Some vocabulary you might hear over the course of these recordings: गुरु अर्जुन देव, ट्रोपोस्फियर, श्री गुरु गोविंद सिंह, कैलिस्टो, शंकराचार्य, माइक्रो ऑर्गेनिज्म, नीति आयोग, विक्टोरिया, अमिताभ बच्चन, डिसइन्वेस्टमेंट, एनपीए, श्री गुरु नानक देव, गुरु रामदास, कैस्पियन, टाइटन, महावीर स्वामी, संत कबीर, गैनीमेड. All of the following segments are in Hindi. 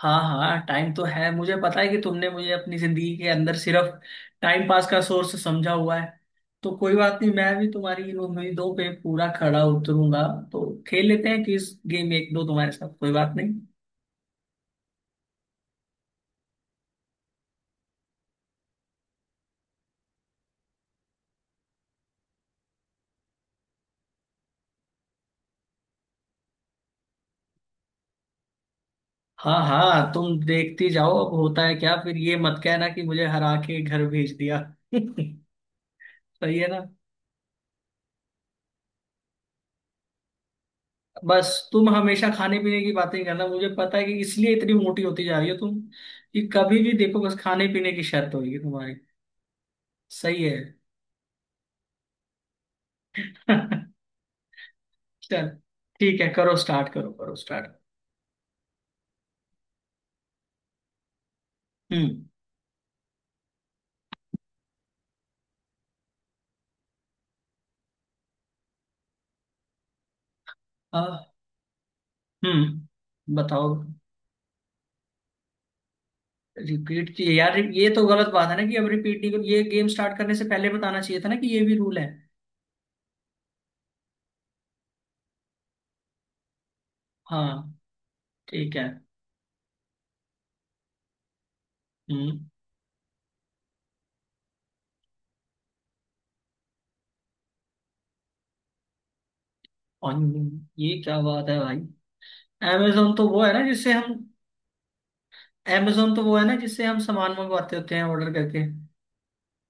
हाँ हाँ, टाइम तो है। मुझे पता है कि तुमने मुझे अपनी जिंदगी के अंदर सिर्फ टाइम पास का सोर्स समझा हुआ है। तो कोई बात नहीं, मैं भी तुम्हारी इन उम्मीदों पे पूरा खरा उतरूंगा। तो खेल लेते हैं किस गेम, एक दो तुम्हारे साथ, कोई बात नहीं। हाँ हाँ, तुम देखती जाओ अब होता है क्या। फिर ये मत कहना कि मुझे हरा के घर भेज दिया। सही है ना। बस तुम हमेशा खाने पीने की बातें करना। मुझे पता है कि इसलिए इतनी मोटी होती जा रही हो तुम, कि कभी भी देखो बस खाने पीने की शर्त होगी तुम्हारी। सही है। चल। ठीक है, करो स्टार्ट, करो करो स्टार्ट। हम्म, आ, हम्म, बताओ। रिपीट किए यार, ये तो गलत बात है ना कि अब रिपीट नहीं करो। ये गेम स्टार्ट करने से पहले बताना चाहिए था ना कि ये भी रूल है। हाँ, ठीक है। हम्म। और ये क्या बात है भाई। अमेजोन तो वो है ना जिससे हम अमेजोन तो वो है ना जिससे हम सामान मंगवाते होते हैं ऑर्डर करके।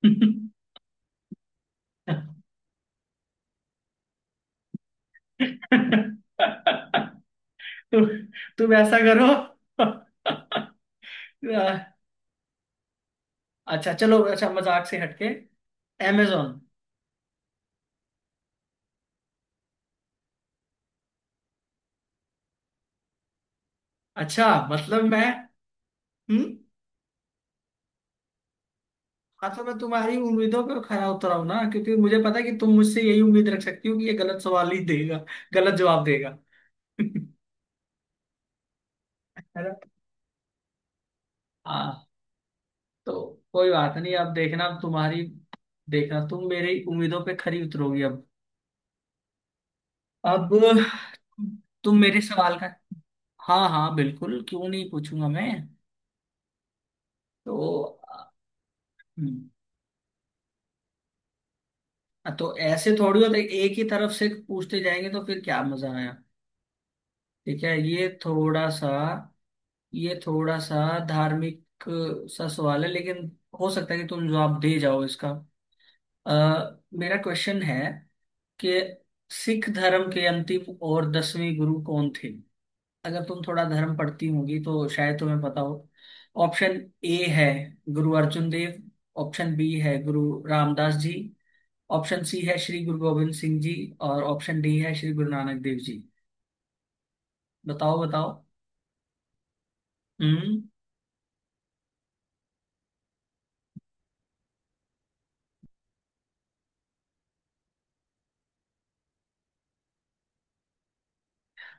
तु, तुम ऐसा करो। अच्छा चलो, अच्छा मजाक से हटके, amazon। अच्छा, हम्म मतलब मैं तुम्हारी उम्मीदों पे खरा उतरा हूं ना, क्योंकि मुझे पता है कि तुम मुझसे यही उम्मीद रख सकती हो कि ये गलत सवाल ही देगा, गलत जवाब देगा। है ना। हाँ। तो कोई बात नहीं, अब देखना, अब तुम्हारी देखना तुम मेरी उम्मीदों पे खरी उतरोगी अब तुम मेरे सवाल का। हाँ हाँ, बिल्कुल, क्यों नहीं पूछूंगा मैं। तो। हम्म, हाँ, तो ऐसे थोड़ी होता है, एक ही तरफ से पूछते जाएंगे तो फिर क्या मजा आया। ठीक है, ये थोड़ा सा, ये थोड़ा सा धार्मिक सा सवाल है, लेकिन हो सकता है कि तुम जवाब दे जाओ इसका। मेरा क्वेश्चन है कि सिख धर्म के अंतिम और 10वीं गुरु कौन थे। अगर तुम थोड़ा धर्म पढ़ती होगी तो शायद तुम्हें पता हो। ऑप्शन ए है गुरु अर्जुन देव। ऑप्शन बी है गुरु रामदास जी। ऑप्शन सी है श्री गुरु गोविंद सिंह जी। और ऑप्शन डी है श्री गुरु नानक देव जी। बताओ बताओ। हम्म।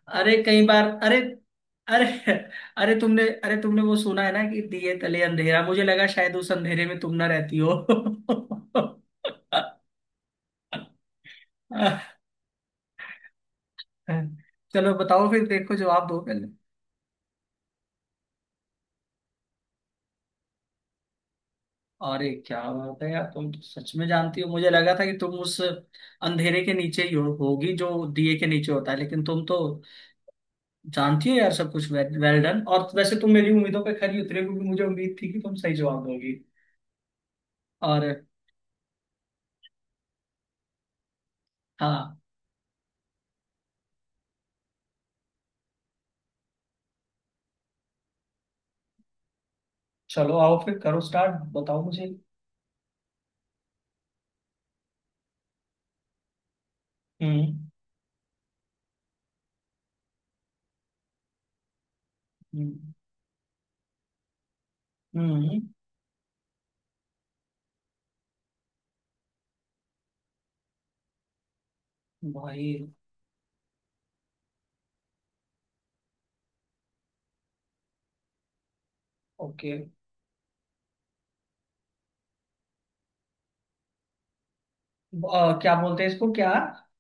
अरे कई बार, अरे अरे अरे तुमने वो सुना है ना कि दिए तले अंधेरा। मुझे लगा शायद उस अंधेरे में तुम ना रहती हो। चलो बताओ फिर, देखो जवाब दो पहले। अरे क्या बात है यार, तुम तो सच में जानती हो। मुझे लगा था कि तुम उस अंधेरे के नीचे ही होगी जो दिए के नीचे होता है, लेकिन तुम तो जानती हो यार सब कुछ। Well done. और वैसे तुम मेरी उम्मीदों पे खरी उतरे क्योंकि मुझे उम्मीद थी कि तुम सही जवाब दोगी। और। हाँ। चलो आओ फिर, करो स्टार्ट, बताओ मुझे। हम्म। हम्म। हम्म। भाई। ओके। क्या बोलते हैं इसको क्या,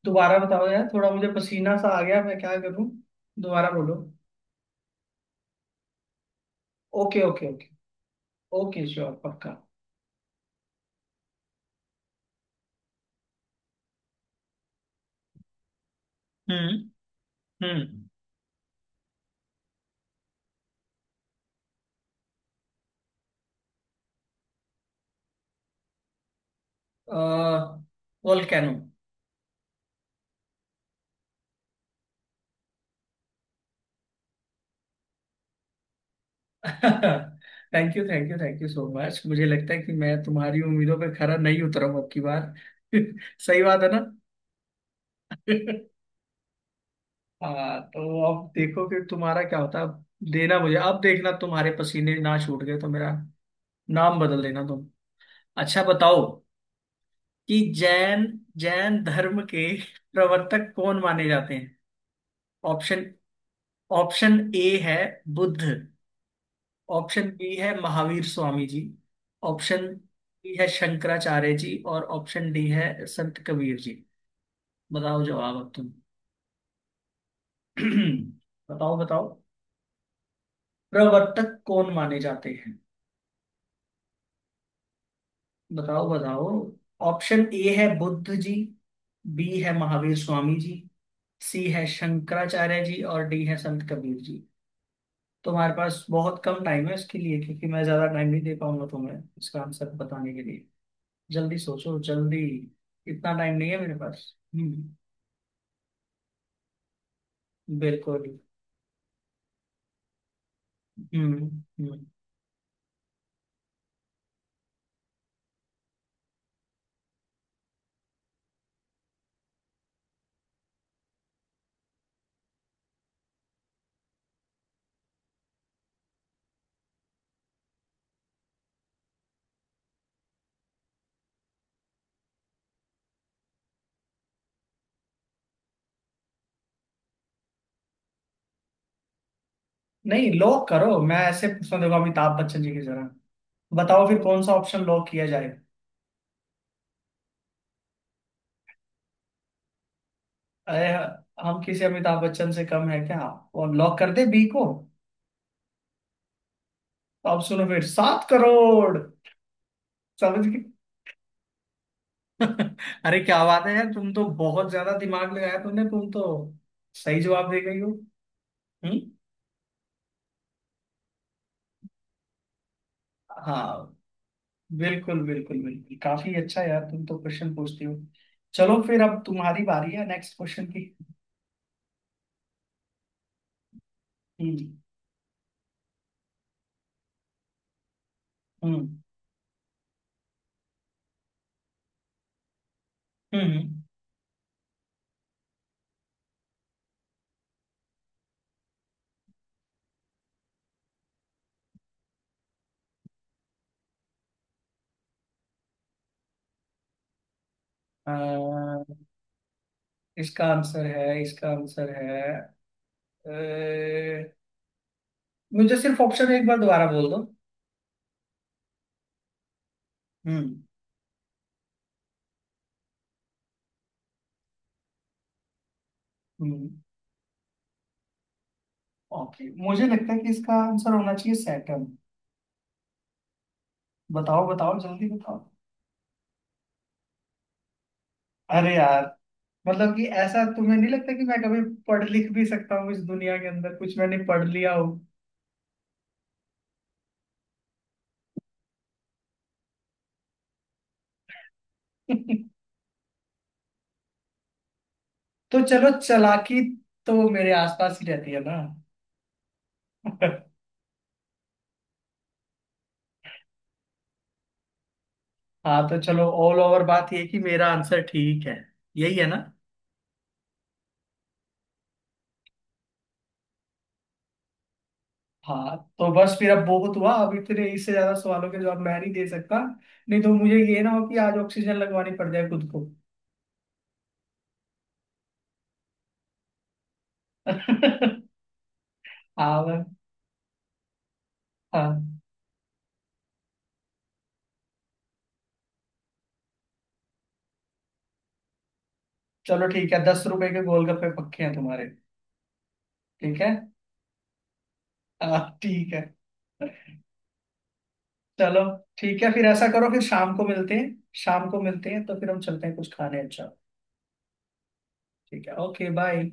दोबारा बताओ यार, थोड़ा मुझे पसीना सा आ गया, मैं क्या करूं, दोबारा बोलो। Okay okay okay. Okay, sure, पक्का। Hmm. Hmm. Volcano. Thank you thank you thank you so much. मुझे लगता है कि मैं तुम्हारी उम्मीदों पर खरा नहीं उतरा हूं अब की बार। सही बात है ना। हाँ, तो अब देखो फिर तुम्हारा क्या होता है अब। देना मुझे, अब देखना तुम्हारे पसीने ना छूट गए तो मेरा नाम बदल देना तुम। अच्छा बताओ कि जैन, जैन धर्म के प्रवर्तक कौन माने जाते हैं। ऑप्शन ऑप्शन ए है बुद्ध। ऑप्शन बी है महावीर स्वामी जी। ऑप्शन बी है शंकराचार्य जी और ऑप्शन डी है संत कबीर जी। बताओ जवाब अब तुम। बताओ बताओ। प्रवर्तक कौन माने जाते हैं, बताओ बताओ। ऑप्शन ए है बुद्ध जी। बी है महावीर स्वामी जी। सी है शंकराचार्य जी और डी है संत कबीर जी। तुम्हारे पास बहुत कम टाइम है इसके लिए, क्योंकि मैं ज्यादा टाइम नहीं दे पाऊंगा तुम्हें इसका आंसर बताने के लिए। जल्दी सोचो जल्दी। इतना टाइम नहीं है मेरे पास। हम्म। बिल्कुल। हम्म। हम्म। नहीं, लॉक करो, मैं ऐसे पूछना, देखो अमिताभ बच्चन जी की जरा। बताओ फिर कौन सा ऑप्शन लॉक किया जाए। अरे, हम किसी अमिताभ बच्चन से कम है क्या। और लॉक कर दे बी को। तो अब सुनो फिर, 7 करोड़ समझ गए। अरे क्या बात है यार, तुम तो बहुत ज्यादा दिमाग लगाया तुमने, तुम तो सही जवाब दे गई हो। हम्म। हाँ, बिल्कुल बिल्कुल बिल्कुल, काफी अच्छा यार तुम तो क्वेश्चन पूछती हो। चलो फिर, अब तुम्हारी बारी है नेक्स्ट क्वेश्चन की। हम्म। हम्म। हम्म। हम्म। अ, इसका आंसर है, इसका आंसर है। अ, मुझे सिर्फ ऑप्शन एक बार दोबारा बोल दो। हम्म। हम्म। ओके, मुझे लगता है कि इसका आंसर होना चाहिए सैटर्न। बताओ बताओ, जल्दी बताओ। अरे यार, मतलब कि ऐसा तुम्हें नहीं लगता कि मैं कभी पढ़ लिख भी सकता हूँ इस दुनिया के अंदर कुछ मैंने पढ़ लिया हो। तो चलो, चालाकी तो मेरे आसपास ही रहती है ना। हाँ तो चलो, ऑल ओवर बात ये कि मेरा आंसर ठीक है, यही है ना। हाँ तो बस फिर, अब बहुत हुआ, अब इतने इससे ज्यादा सवालों के जवाब मैं नहीं दे सकता। नहीं तो मुझे ये ना हो कि आज ऑक्सीजन लगवानी पड़ जाए खुद को। हाँ मैं- हाँ, चलो ठीक है, 10 रुपए के गोलगप्पे पक्के हैं तुम्हारे। ठीक है। हाँ, ठीक है। चलो। ठीक है, फिर ऐसा करो, फिर शाम को मिलते हैं। शाम को मिलते हैं तो फिर हम चलते हैं कुछ खाने, अच्छा। ठीक है, ओके बाय।